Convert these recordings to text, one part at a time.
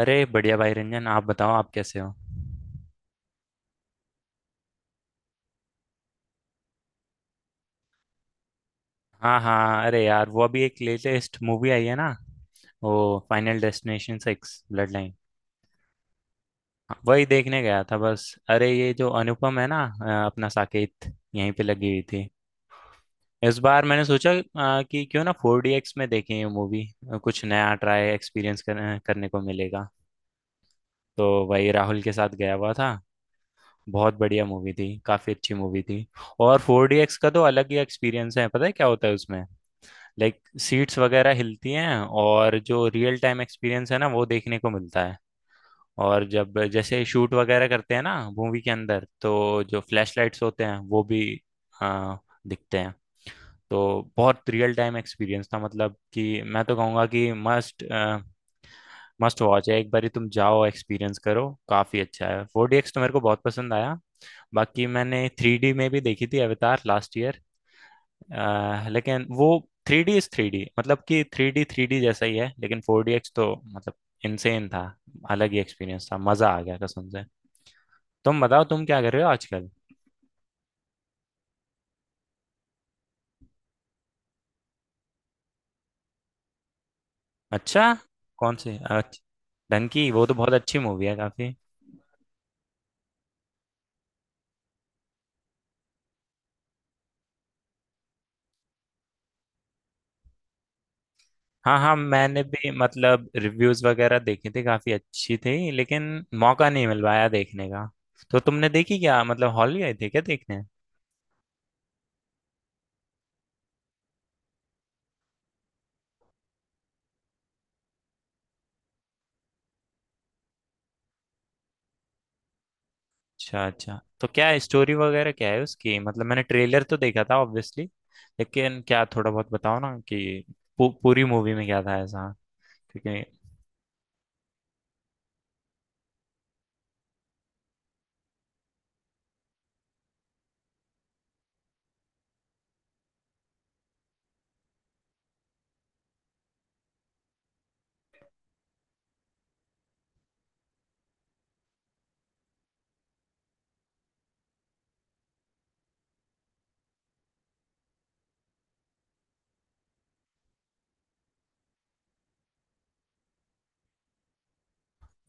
अरे बढ़िया भाई रंजन। आप बताओ, आप कैसे हो? हाँ हाँ, अरे यार वो अभी एक लेटेस्ट मूवी आई है ना, वो final destination six blood line. वही देखने गया था बस। अरे ये जो अनुपम है ना, अपना साकेत यहीं पे लगी हुई थी। इस बार मैंने सोचा कि क्यों ना फोर डी एक्स में देखें ये मूवी। कुछ नया ट्राई एक्सपीरियंस करने को मिलेगा। तो वही राहुल के साथ गया हुआ था। बहुत बढ़िया मूवी थी, काफ़ी अच्छी मूवी थी। और फोर डी एक्स का तो अलग ही एक्सपीरियंस है। पता है क्या होता है उसमें? लाइक सीट्स वगैरह हिलती हैं। और जो रियल टाइम एक्सपीरियंस है ना, वो देखने को मिलता है। और जब जैसे शूट वगैरह करते हैं ना मूवी के अंदर, तो जो फ्लैश लाइट्स होते हैं वो भी आ, दिखते हैं। तो बहुत रियल टाइम एक्सपीरियंस था, मतलब कि मैं तो कहूँगा कि मस्ट मस्ट वॉच है। एक बार तुम जाओ, एक्सपीरियंस करो, काफ़ी अच्छा है फोर डी एक्स, तो मेरे को बहुत पसंद आया। बाकी मैंने थ्री डी में भी देखी थी अवतार लास्ट ईयर। लेकिन वो three D is three D, मतलब कि थ्री डी जैसा ही है, लेकिन फोर डी एक्स तो मतलब इनसेन था। अलग ही एक्सपीरियंस था, मजा आ गया कसम से। तुम बताओ, तुम क्या कर रहे हो आजकल? अच्छा। कौन सी डंकी? वो तो बहुत अच्छी मूवी है काफी। हाँ हाँ, मैंने भी मतलब रिव्यूज वगैरह देखे थे, काफी अच्छी थी, लेकिन मौका नहीं मिल पाया देखने का। तो तुमने देखी क्या? मतलब हॉल गए थे क्या देखने? अच्छा अच्छा, तो क्या है स्टोरी वगैरह क्या है उसकी? मतलब मैंने ट्रेलर तो देखा था ऑब्वियसली। लेकिन क्या थोड़ा बहुत बताओ ना, कि पूरी मूवी में क्या था ऐसा, क्योंकि।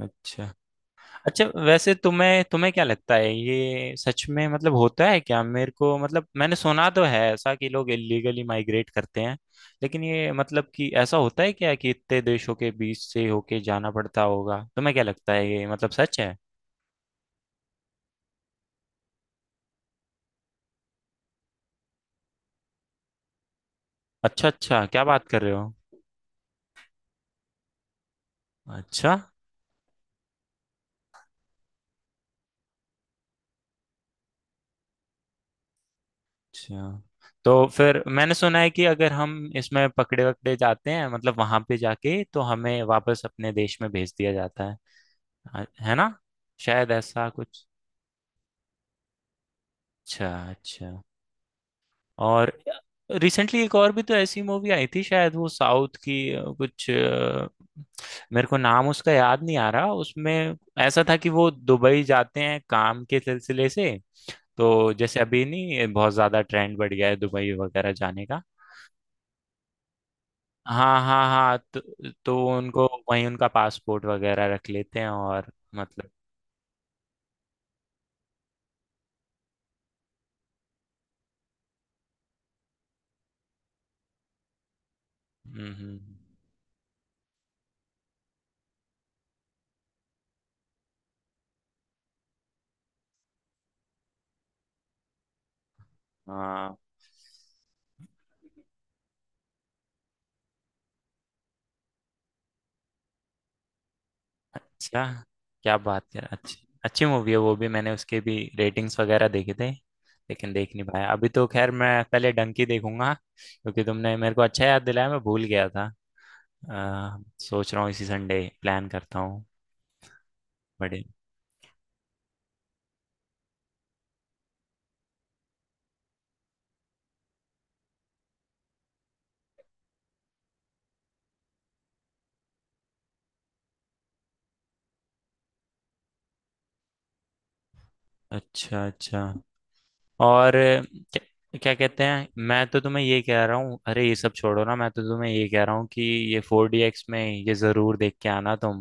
अच्छा अच्छा। वैसे तुम्हें तुम्हें क्या लगता है, ये सच में मतलब होता है क्या? मेरे को मतलब मैंने सुना तो है ऐसा, कि लोग इलीगली माइग्रेट करते हैं। लेकिन ये मतलब कि ऐसा होता है क्या, कि इतने देशों के बीच से होके जाना पड़ता होगा? तुम्हें क्या लगता है, ये मतलब सच है? अच्छा अच्छा, क्या बात कर रहे हो। अच्छा अच्छा। तो फिर मैंने सुना है कि अगर हम इसमें पकड़े वकड़े जाते हैं, मतलब वहां पे जाके, तो हमें वापस अपने देश में भेज दिया जाता है, है ना? शायद ऐसा कुछ। अच्छा अच्छा। और रिसेंटली एक और भी तो ऐसी मूवी आई थी, शायद वो साउथ की कुछ मेरे को नाम उसका याद नहीं आ रहा। उसमें ऐसा था कि वो दुबई जाते हैं काम के सिलसिले से। तो जैसे अभी नहीं, बहुत ज्यादा ट्रेंड बढ़ गया है दुबई वगैरह जाने का। हाँ हाँ हाँ, तो उनको वहीं उनका पासपोर्ट वगैरह रख लेते हैं, और मतलब। हम्म हम्म, हम्म। हाँ। अच्छा, क्या बात कर। अच्छी। अच्छी मूवी है वो भी, मैंने उसके भी रेटिंग्स वगैरह देखे थे। लेकिन देख नहीं पाया अभी, तो खैर मैं पहले डंकी देखूंगा। क्योंकि तुमने मेरे को अच्छा याद दिलाया, मैं भूल गया था। सोच रहा हूँ इसी संडे प्लान करता हूँ। बड़े। अच्छा अच्छा। और क्या कहते हैं, मैं तो तुम्हें ये कह रहा हूँ, अरे ये सब छोड़ो ना। मैं तो तुम्हें ये कह रहा हूँ कि ये फोर डी एक्स में ये जरूर देख के आना तुम।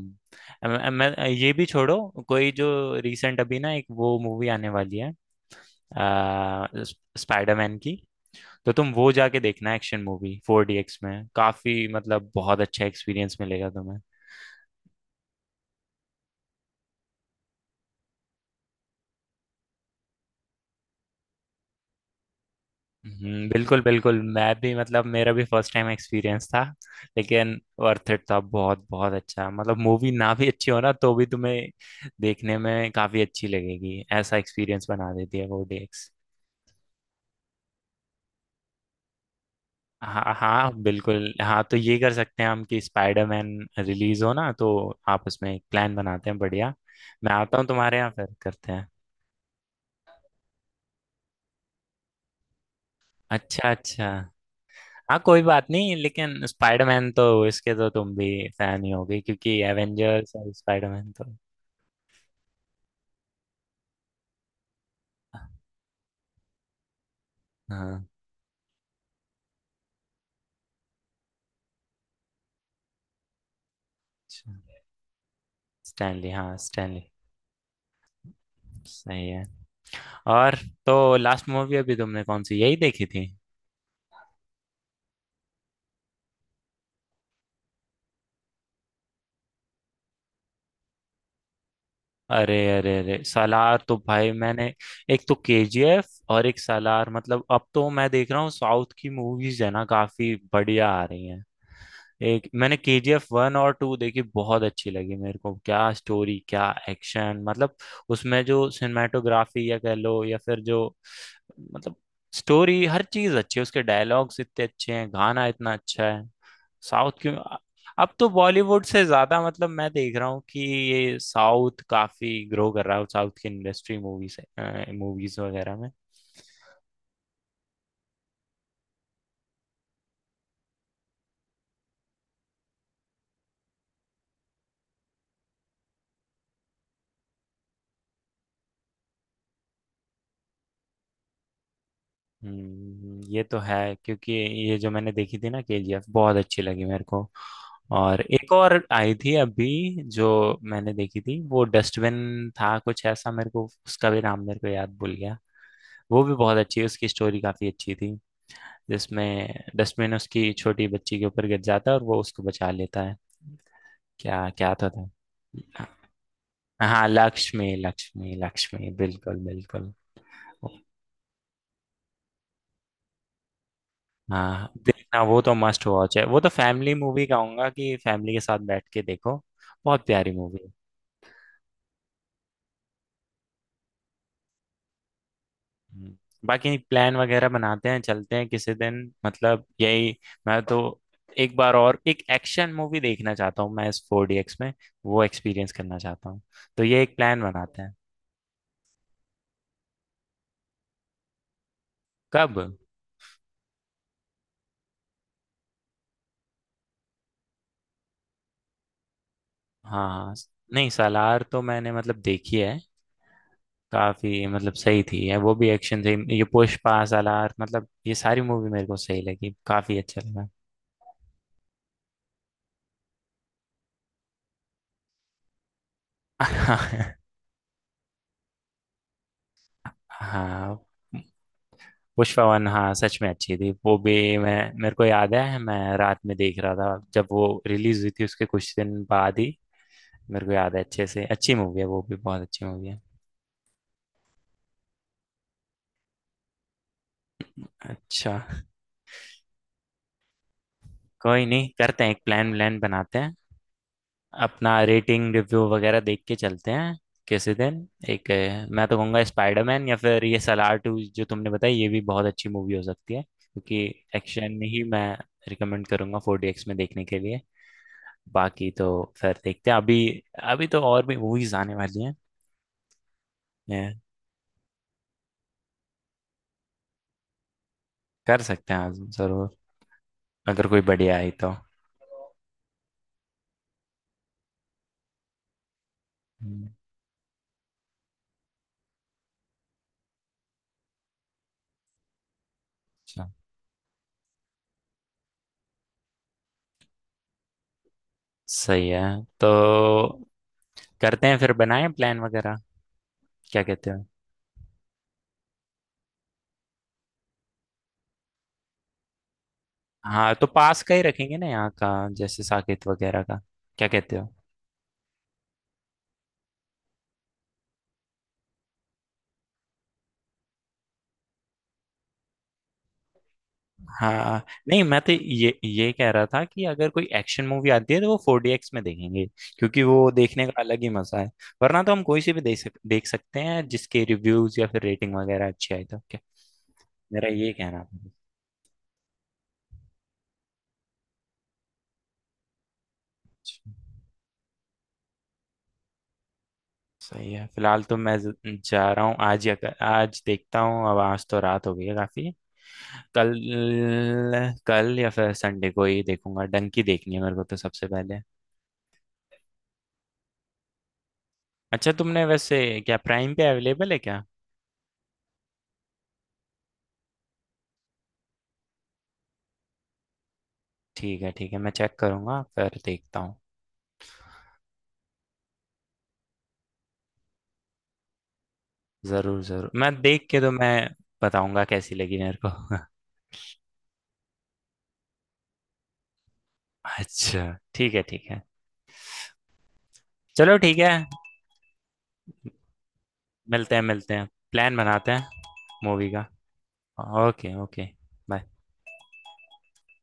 मैं ये भी छोड़ो, कोई जो रिसेंट अभी ना एक वो मूवी आने वाली है, स्पाइडरमैन की। तो तुम वो जाके देखना, action movie four D X में काफी मतलब बहुत अच्छा एक्सपीरियंस मिलेगा तुम्हें। बिल्कुल बिल्कुल, मैं भी मतलब मेरा भी फर्स्ट टाइम एक्सपीरियंस था। लेकिन वर्थ इट था, बहुत बहुत अच्छा। मतलब मूवी ना भी अच्छी हो ना, तो भी तुम्हें देखने में काफी अच्छी लगेगी, ऐसा एक्सपीरियंस बना देती है वो DX। हाँ हाँ बिल्कुल हाँ, तो ये कर सकते हैं हम कि स्पाइडरमैन रिलीज हो ना, तो आप उसमें एक प्लान बनाते हैं, बढ़िया। मैं आता हूँ तुम्हारे यहाँ, फिर करते हैं। अच्छा अच्छा। हाँ कोई बात नहीं, लेकिन स्पाइडरमैन तो, इसके तो तुम भी फैन ही होगे क्योंकि एवेंजर्स और स्पाइडरमैन तो। हाँ। अच्छा। स्टैनली, हाँ स्टैनली। सही है। और तो लास्ट मूवी अभी तुमने कौन सी यही देखी थी? अरे अरे अरे, सालार तो भाई मैंने, एक तो केजीएफ और एक सालार, मतलब अब तो मैं देख रहा हूँ साउथ की मूवीज है ना, काफी बढ़िया आ रही हैं। एक मैंने के जी एफ वन और टू देखी, बहुत अच्छी लगी मेरे को। क्या स्टोरी, क्या एक्शन, मतलब उसमें जो सिनेमाटोग्राफी या कह लो, या फिर जो मतलब स्टोरी, हर चीज अच्छी है। उसके डायलॉग्स इतने अच्छे हैं, गाना इतना अच्छा है। साउथ क्यों, अब तो बॉलीवुड से ज्यादा मतलब मैं देख रहा हूँ कि ये साउथ काफी ग्रो कर रहा है, साउथ की इंडस्ट्री मूवी से मूवीज वगैरह में। ये तो है क्योंकि ये जो मैंने देखी थी ना केजीएफ, बहुत अच्छी लगी मेरे को। और एक और आई थी अभी, जो मैंने देखी थी, वो डस्टबिन था कुछ ऐसा, मेरे को उसका भी नाम, मेरे को याद भूल गया। वो भी बहुत अच्छी, उसकी स्टोरी काफी अच्छी थी। जिसमें डस्टबिन उसकी छोटी बच्ची के ऊपर गिर जाता है और वो उसको बचा लेता है। क्या क्या तो था। हाँ लक्ष्मी, लक्ष्मी लक्ष्मी, बिल्कुल बिल्कुल। हाँ देखना, वो तो मस्ट वॉच है। वो तो फैमिली मूवी कहूंगा, कि फैमिली के साथ बैठ के देखो। बहुत प्यारी मूवी है। हम्म। बाकी प्लान वगैरह बनाते हैं, चलते हैं किसी दिन, मतलब यही। मैं तो एक बार और एक एक्शन मूवी देखना चाहता हूँ, मैं इस फोर डी एक्स में वो एक्सपीरियंस करना चाहता हूँ। तो ये एक प्लान बनाते हैं। कब? हाँ हाँ। नहीं सालार तो मैंने मतलब देखी है, काफी मतलब सही थी है, वो भी एक्शन थी ये पुष्पा सालार, मतलब ये सारी मूवी मेरे को सही लगी, काफी अच्छा लगा। हाँ हाँ, पुष्पा वन हाँ सच में अच्छी थी वो भी। मैं, मेरे को याद है मैं रात में देख रहा था जब वो रिलीज हुई थी, उसके कुछ दिन बाद ही। मेरे को याद है अच्छे से, अच्छी मूवी है वो भी, बहुत अच्छी मूवी है। अच्छा। कोई नहीं, करते हैं एक प्लान व्लान बनाते हैं। अपना रेटिंग रिव्यू वगैरह देख के चलते हैं किसी दिन। एक मैं तो कहूँगा स्पाइडरमैन या फिर ये सलार टू जो तुमने बताई, ये भी बहुत अच्छी मूवी हो सकती है, क्योंकि एक्शन ही मैं रिकमेंड करूँगा फोर डी एक्स में देखने के लिए। बाकी तो फिर देखते हैं। अभी अभी तो और भी मूवीज आने वाली हैं, ये कर सकते हैं आज जरूर, अगर कोई बढ़िया आई तो। हम्म, अच्छा। सही है, तो करते हैं फिर, बनाएं प्लान वगैरह। क्या कहते हो? हाँ तो पास का ही रखेंगे ना यहाँ का, जैसे साकेत वगैरह का, क्या कहते हो? हाँ नहीं, मैं तो ये कह रहा था कि अगर कोई एक्शन मूवी आती है तो वो फोर डी एक्स में देखेंगे, क्योंकि वो देखने का अलग ही मजा है। वरना तो हम कोई सी भी देख सकते हैं, जिसके रिव्यूज या फिर रेटिंग वगैरह अच्छी आई तो okay। मेरा ये कहना था। अच्छा, सही है। फिलहाल तो मैं जा रहा हूँ, आज या आज देखता हूँ, अब आज तो रात हो गई है काफी। कल कल या फिर संडे को ही देखूंगा, डंकी देखनी है मेरे को तो सबसे पहले। अच्छा तुमने वैसे, क्या प्राइम पे अवेलेबल है क्या? ठीक है ठीक है, मैं चेक करूंगा फिर देखता हूँ। जरूर जरूर, मैं देख के तो मैं बताऊंगा कैसी लगी मेरे को। अच्छा ठीक है ठीक है। चलो ठीक है, मिलते हैं मिलते हैं, प्लान बनाते हैं मूवी का। Okay okay. बाय।